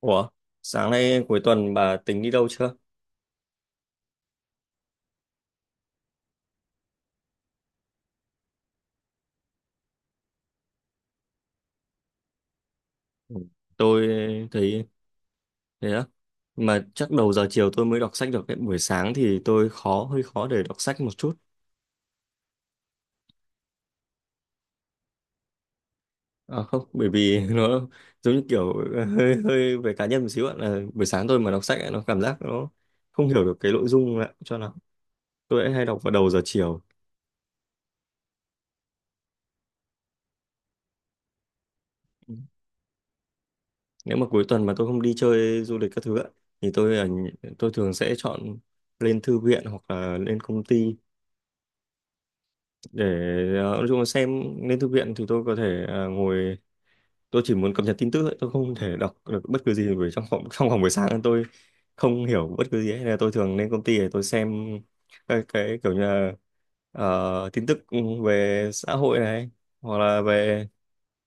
Ủa, sáng nay cuối tuần bà tính đi đâu chưa? Ừ. Tôi thấy thế á. Mà chắc đầu giờ chiều tôi mới đọc sách được đấy. Buổi sáng thì tôi hơi khó để đọc sách một chút. À không, bởi vì nó giống như kiểu hơi hơi về cá nhân một xíu ạ. Là buổi sáng tôi mà đọc sách ấy, nó cảm giác nó không hiểu được cái nội dung ạ. Cho lắm. Tôi lại hay đọc vào đầu giờ chiều. Ừ. Nếu mà cuối tuần mà tôi không đi chơi du lịch các thứ ạ, thì tôi tôi thường sẽ chọn lên thư viện hoặc là lên công ty để nói chung là xem, lên thư viện thì tôi có thể ngồi, tôi chỉ muốn cập nhật tin tức thôi, tôi không thể đọc được bất cứ gì, bởi trong vòng buổi sáng tôi không hiểu bất cứ gì ấy. Nên là tôi thường lên công ty để tôi xem cái kiểu như là tin tức về xã hội này, hoặc là về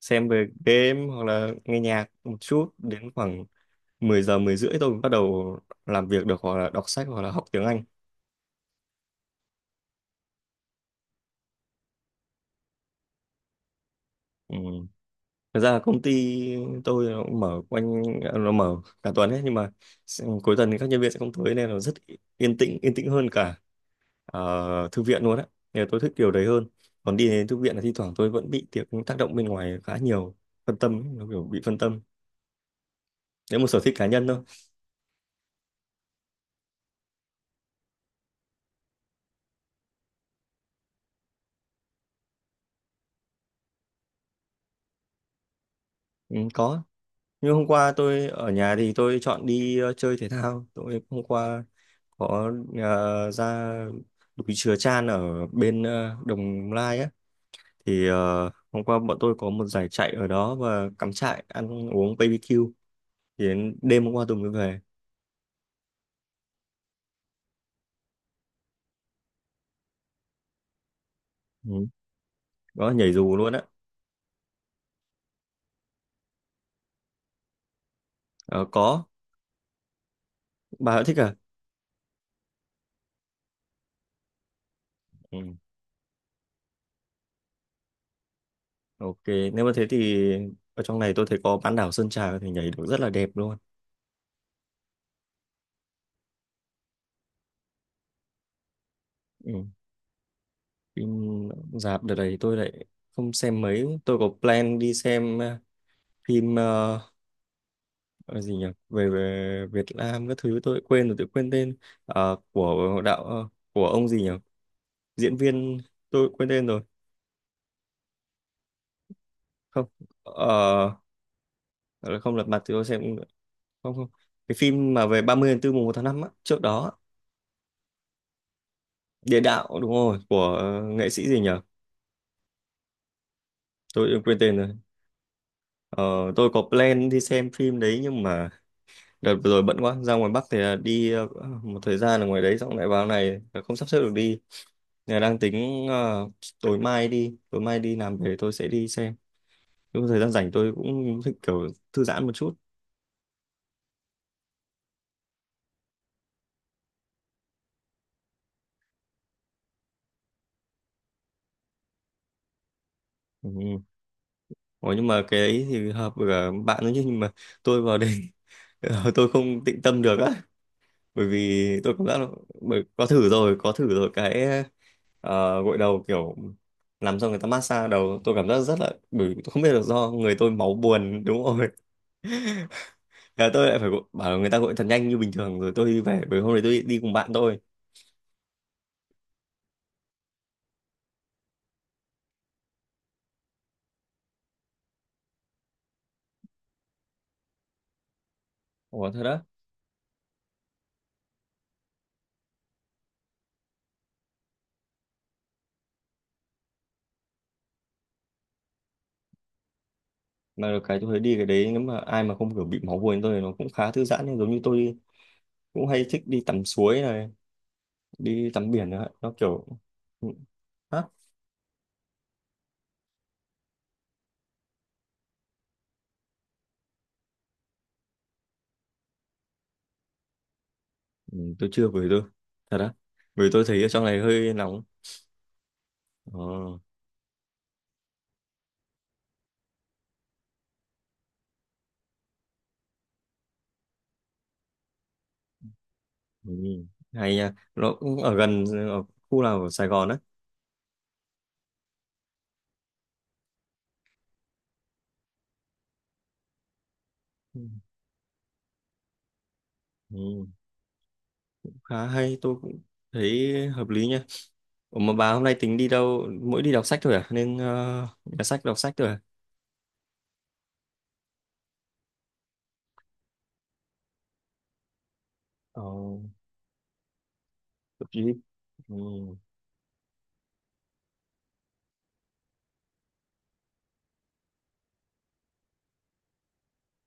xem về game, hoặc là nghe nhạc một chút đến khoảng 10 giờ, 10 rưỡi tôi mới bắt đầu làm việc được, hoặc là đọc sách hoặc là học tiếng Anh. Ừ. Thật ra là công ty tôi nó cũng mở quanh, nó mở cả tuần ấy, nhưng mà cuối tuần thì các nhân viên sẽ không tới nên là rất yên tĩnh, yên tĩnh hơn cả thư viện luôn á, nên là tôi thích điều đấy hơn. Còn đi đến thư viện là thi thoảng tôi vẫn bị tiệc tác động bên ngoài khá nhiều, phân tâm ấy, nó kiểu bị phân tâm đấy, một sở thích cá nhân thôi. Ừ, có, nhưng hôm qua tôi ở nhà thì tôi chọn đi chơi thể thao, tôi hôm qua có ra đùi chừa chan ở bên Đồng Lai á, thì hôm qua bọn tôi có một giải chạy ở đó và cắm trại ăn uống BBQ, thì đến đêm hôm qua tôi mới về. Ừ, đó nhảy dù luôn á. Ờ, có. Bà đã thích à? Ừ. Ok, nếu mà thế thì ở trong này tôi thấy có bán đảo Sơn Trà có thể nhảy được rất là đẹp luôn. Ừ, phim rạp đợt này tôi lại không xem mấy, tôi có plan đi xem phim ờ, gì nhỉ, về Việt Nam các thứ, tôi quên rồi, tôi quên tên. Ờ, của đạo của ông gì nhỉ, diễn viên, tôi quên tên rồi. Không, ờ, không, lật mặt thì tôi xem. Không, không, cái phim mà về 30 tháng 4 mùng 1 tháng 5 á, trước đó á. Địa đạo đúng rồi, của nghệ sĩ gì nhở, tôi quên tên rồi. Ờ, tôi có plan đi xem phim đấy nhưng mà đợt vừa rồi bận quá, ra ngoài Bắc thì là đi một thời gian ở ngoài đấy, xong lại vào này là không sắp xếp được đi. Nên đang tính tối mai đi làm về tôi sẽ đi xem, lúc thời gian rảnh tôi cũng thích kiểu thư giãn một chút. Ừ. Ủa, nhưng mà cái ấy thì hợp với cả bạn nữa chứ, nhưng mà tôi vào đây, ờ, tôi không tịnh tâm được á, bởi vì tôi cũng đã, có thử rồi, có thử rồi, cái gội đầu kiểu làm xong người ta massage đầu, tôi cảm giác rất là, bởi vì tôi không biết là do người tôi máu buồn đúng rồi. Thế là tôi lại phải gọi- bảo người ta gội thật nhanh như bình thường rồi tôi đi về, bởi hôm nay tôi đi cùng bạn tôi. Ủa thật đó. Mà được cái tôi thấy đi cái đấy nếu mà ai mà không kiểu bị máu buồn như tôi thì nó cũng khá thư giãn, nhưng giống như tôi cũng hay thích đi tắm suối này, đi tắm biển nữa, nó kiểu. Ừ. Ừ, tôi chưa, về tôi thật á, vì tôi thấy ở trong này hơi nóng. ờ, ừ, hay nha, nó cũng ở gần, ở khu nào ở Sài Gòn á. Ừ, ừ, khá hay, tôi cũng thấy hợp lý nha. Ủa mà bà hôm nay tính đi đâu, mỗi đi đọc sách thôi à, nên nhà sách đọc sách thôi à? Ờ, tập gym ừ,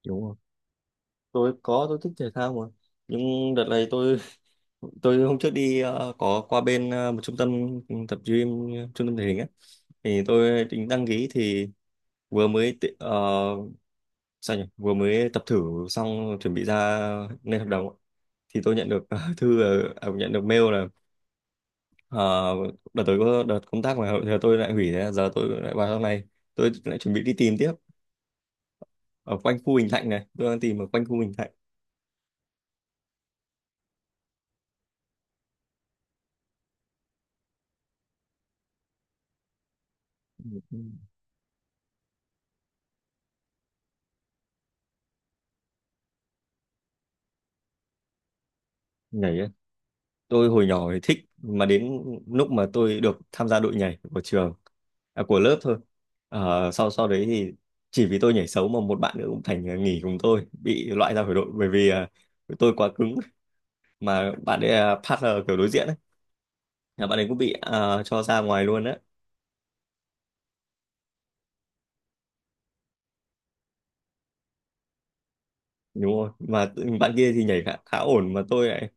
đúng rồi, tôi có, tôi thích thể thao mà, nhưng đợt này tôi hôm trước đi có qua bên một trung tâm tập gym, trung tâm thể hình á, thì tôi tính đăng ký thì vừa mới sao nhỉ, vừa mới tập thử xong chuẩn bị ra lên hợp đồng ạ, thì tôi nhận được nhận được mail là ờ, đợt tới có đợt công tác mà giờ tôi lại hủy, thế giờ tôi lại vào trong này, tôi lại chuẩn bị đi tìm tiếp ở quanh khu Bình Thạnh, này tôi đang tìm ở quanh khu Bình Thạnh. Ừ, ừ. Nhảy, tôi hồi nhỏ thì thích, mà đến lúc mà tôi được tham gia đội nhảy của trường, à, của lớp thôi, ờ, sau sau đấy thì chỉ vì tôi nhảy xấu mà một bạn nữa cũng thành, à, nghỉ cùng tôi, bị loại ra khỏi đội, bởi vì à, tôi quá cứng, mà bạn ấy là partner kiểu đối diện ấy, là bạn ấy cũng bị, à, cho ra ngoài luôn á. Đúng rồi, mà bạn kia thì nhảy khá ổn mà tôi lại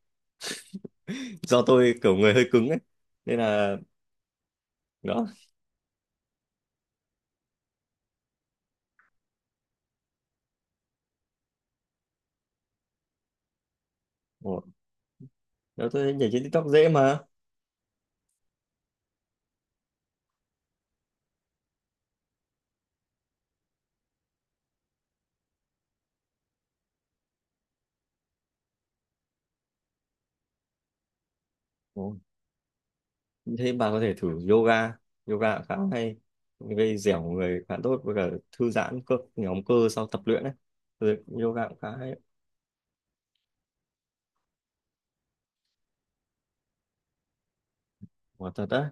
do tôi kiểu người hơi cứng ấy, nên là đó. Ủa, đó tôi nhảy trên TikTok dễ mà. Thế bà có thể thử yoga, yoga khá hay, gây dẻo người khá tốt, với cả thư giãn cơ, nhóm cơ sau tập luyện đấy. Ừ, yoga cũng khá hay, quả thật đấy.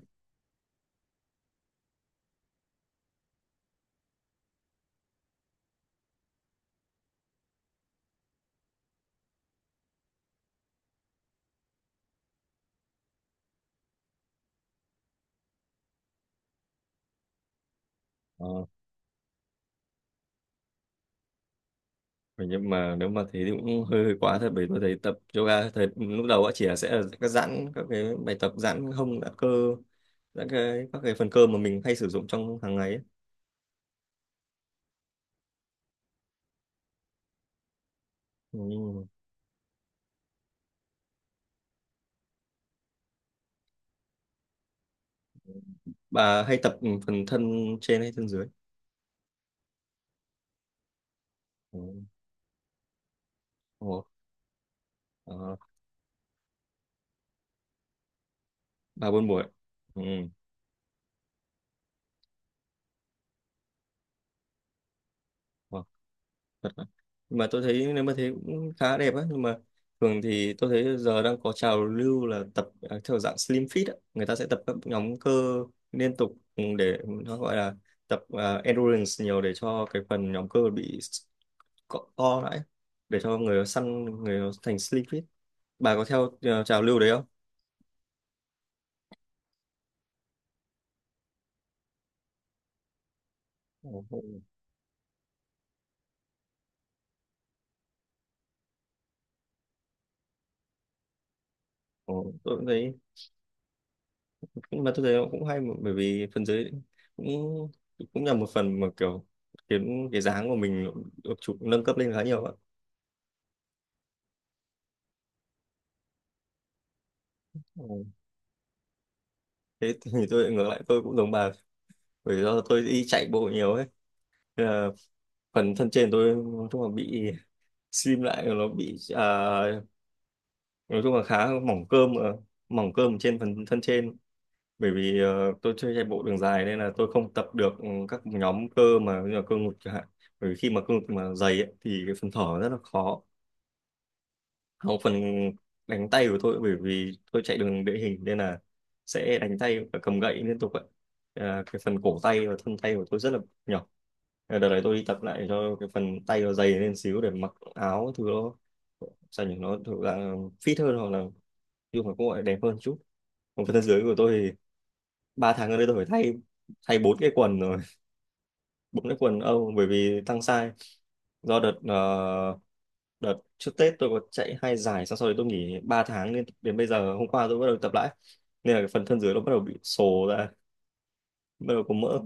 Ờ. Vậy nhưng mà nếu mà thế thì cũng hơi quá thật, bởi tôi thấy tập yoga thời lúc đầu á, chỉ là sẽ là các giãn, các cái bài tập giãn hông, giãn cơ, giãn cái các cái phần cơ mà mình hay sử dụng trong hàng ngày ấy. Ừ. Bà hay tập phần thân trên hay thân dưới? Ừ. Ồ, ờ, bà buôn buổi. Ừ. Wow, thật đấy. Nhưng mà tôi thấy nếu mà thế cũng khá đẹp á, nhưng mà thường thì tôi thấy giờ đang có trào lưu là tập, à, theo dạng slim fit á. Người ta sẽ tập các nhóm cơ liên tục để nó gọi là tập, à, endurance nhiều để cho cái phần nhóm cơ bị co co lại, để cho người nó săn, người nó thành slim fit. Bà có theo, à, trào lưu đấy không? Ồ, ồ, tôi cũng thấy, nhưng mà tôi thấy nó cũng hay mà, bởi vì phần dưới cũng, cũng là một phần mà kiểu khiến cái dáng của mình được chụp nâng cấp lên khá nhiều ạ. Ừ. Thế thì tôi lại ngược lại, tôi cũng giống bà, bởi do tôi đi chạy bộ nhiều ấy. Thế là phần thân trên tôi nói chung là bị slim lại, nó bị, à, nói chung là khá mỏng cơm mà. Mỏng cơm trên phần thân trên, bởi vì tôi chơi chạy bộ đường dài nên là tôi không tập được các nhóm cơ mà như là cơ ngực chẳng hạn, bởi vì khi mà cơ ngực mà dày ấy, thì cái phần thở rất là khó. Không, phần đánh tay của tôi, bởi vì tôi chạy đường địa hình nên là sẽ đánh tay và cầm gậy liên tục ạ, à, cái phần cổ tay và thân tay của tôi rất là nhỏ. À, đợt này tôi đi tập lại cho cái phần tay nó dày lên xíu để mặc áo thứ nó, sao nhỉ, nó thực ra fit hơn hoặc là dùng mà cũng gọi là đẹp hơn chút. Còn phần thân dưới của tôi thì ba tháng gần đây tôi phải thay thay 4 cái quần rồi, 4 cái quần Âu bởi vì tăng size, do đợt đợt trước Tết tôi có chạy 2 giải, xong sau đấy tôi nghỉ 3 tháng, nên đến bây giờ hôm qua tôi bắt đầu tập lại, nên là cái phần thân dưới nó bắt đầu bị sồ ra, bắt đầu có mỡ.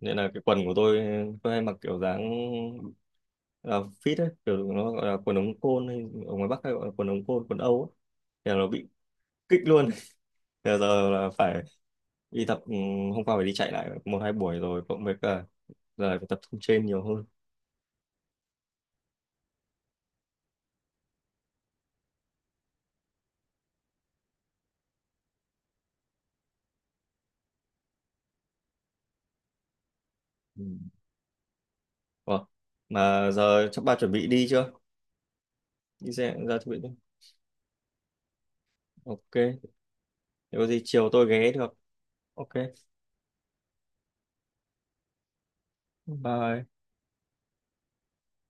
Nên là cái quần của tôi hay mặc kiểu dáng là fit ấy, kiểu nó gọi là quần ống côn hay ở ngoài Bắc hay gọi là quần ống côn, quần Âu ấy. Thế là nó bị kích luôn. Thế giờ là phải đi tập, hôm qua phải đi chạy lại một hai buổi rồi, cộng với cả giờ phải tập trung trên nhiều hơn. Ừ. Ủa, mà giờ chắc bà chuẩn bị đi chưa, đi xe ra chuẩn bị đi. Ok, nếu có gì chiều tôi ghé được. Ok, bye.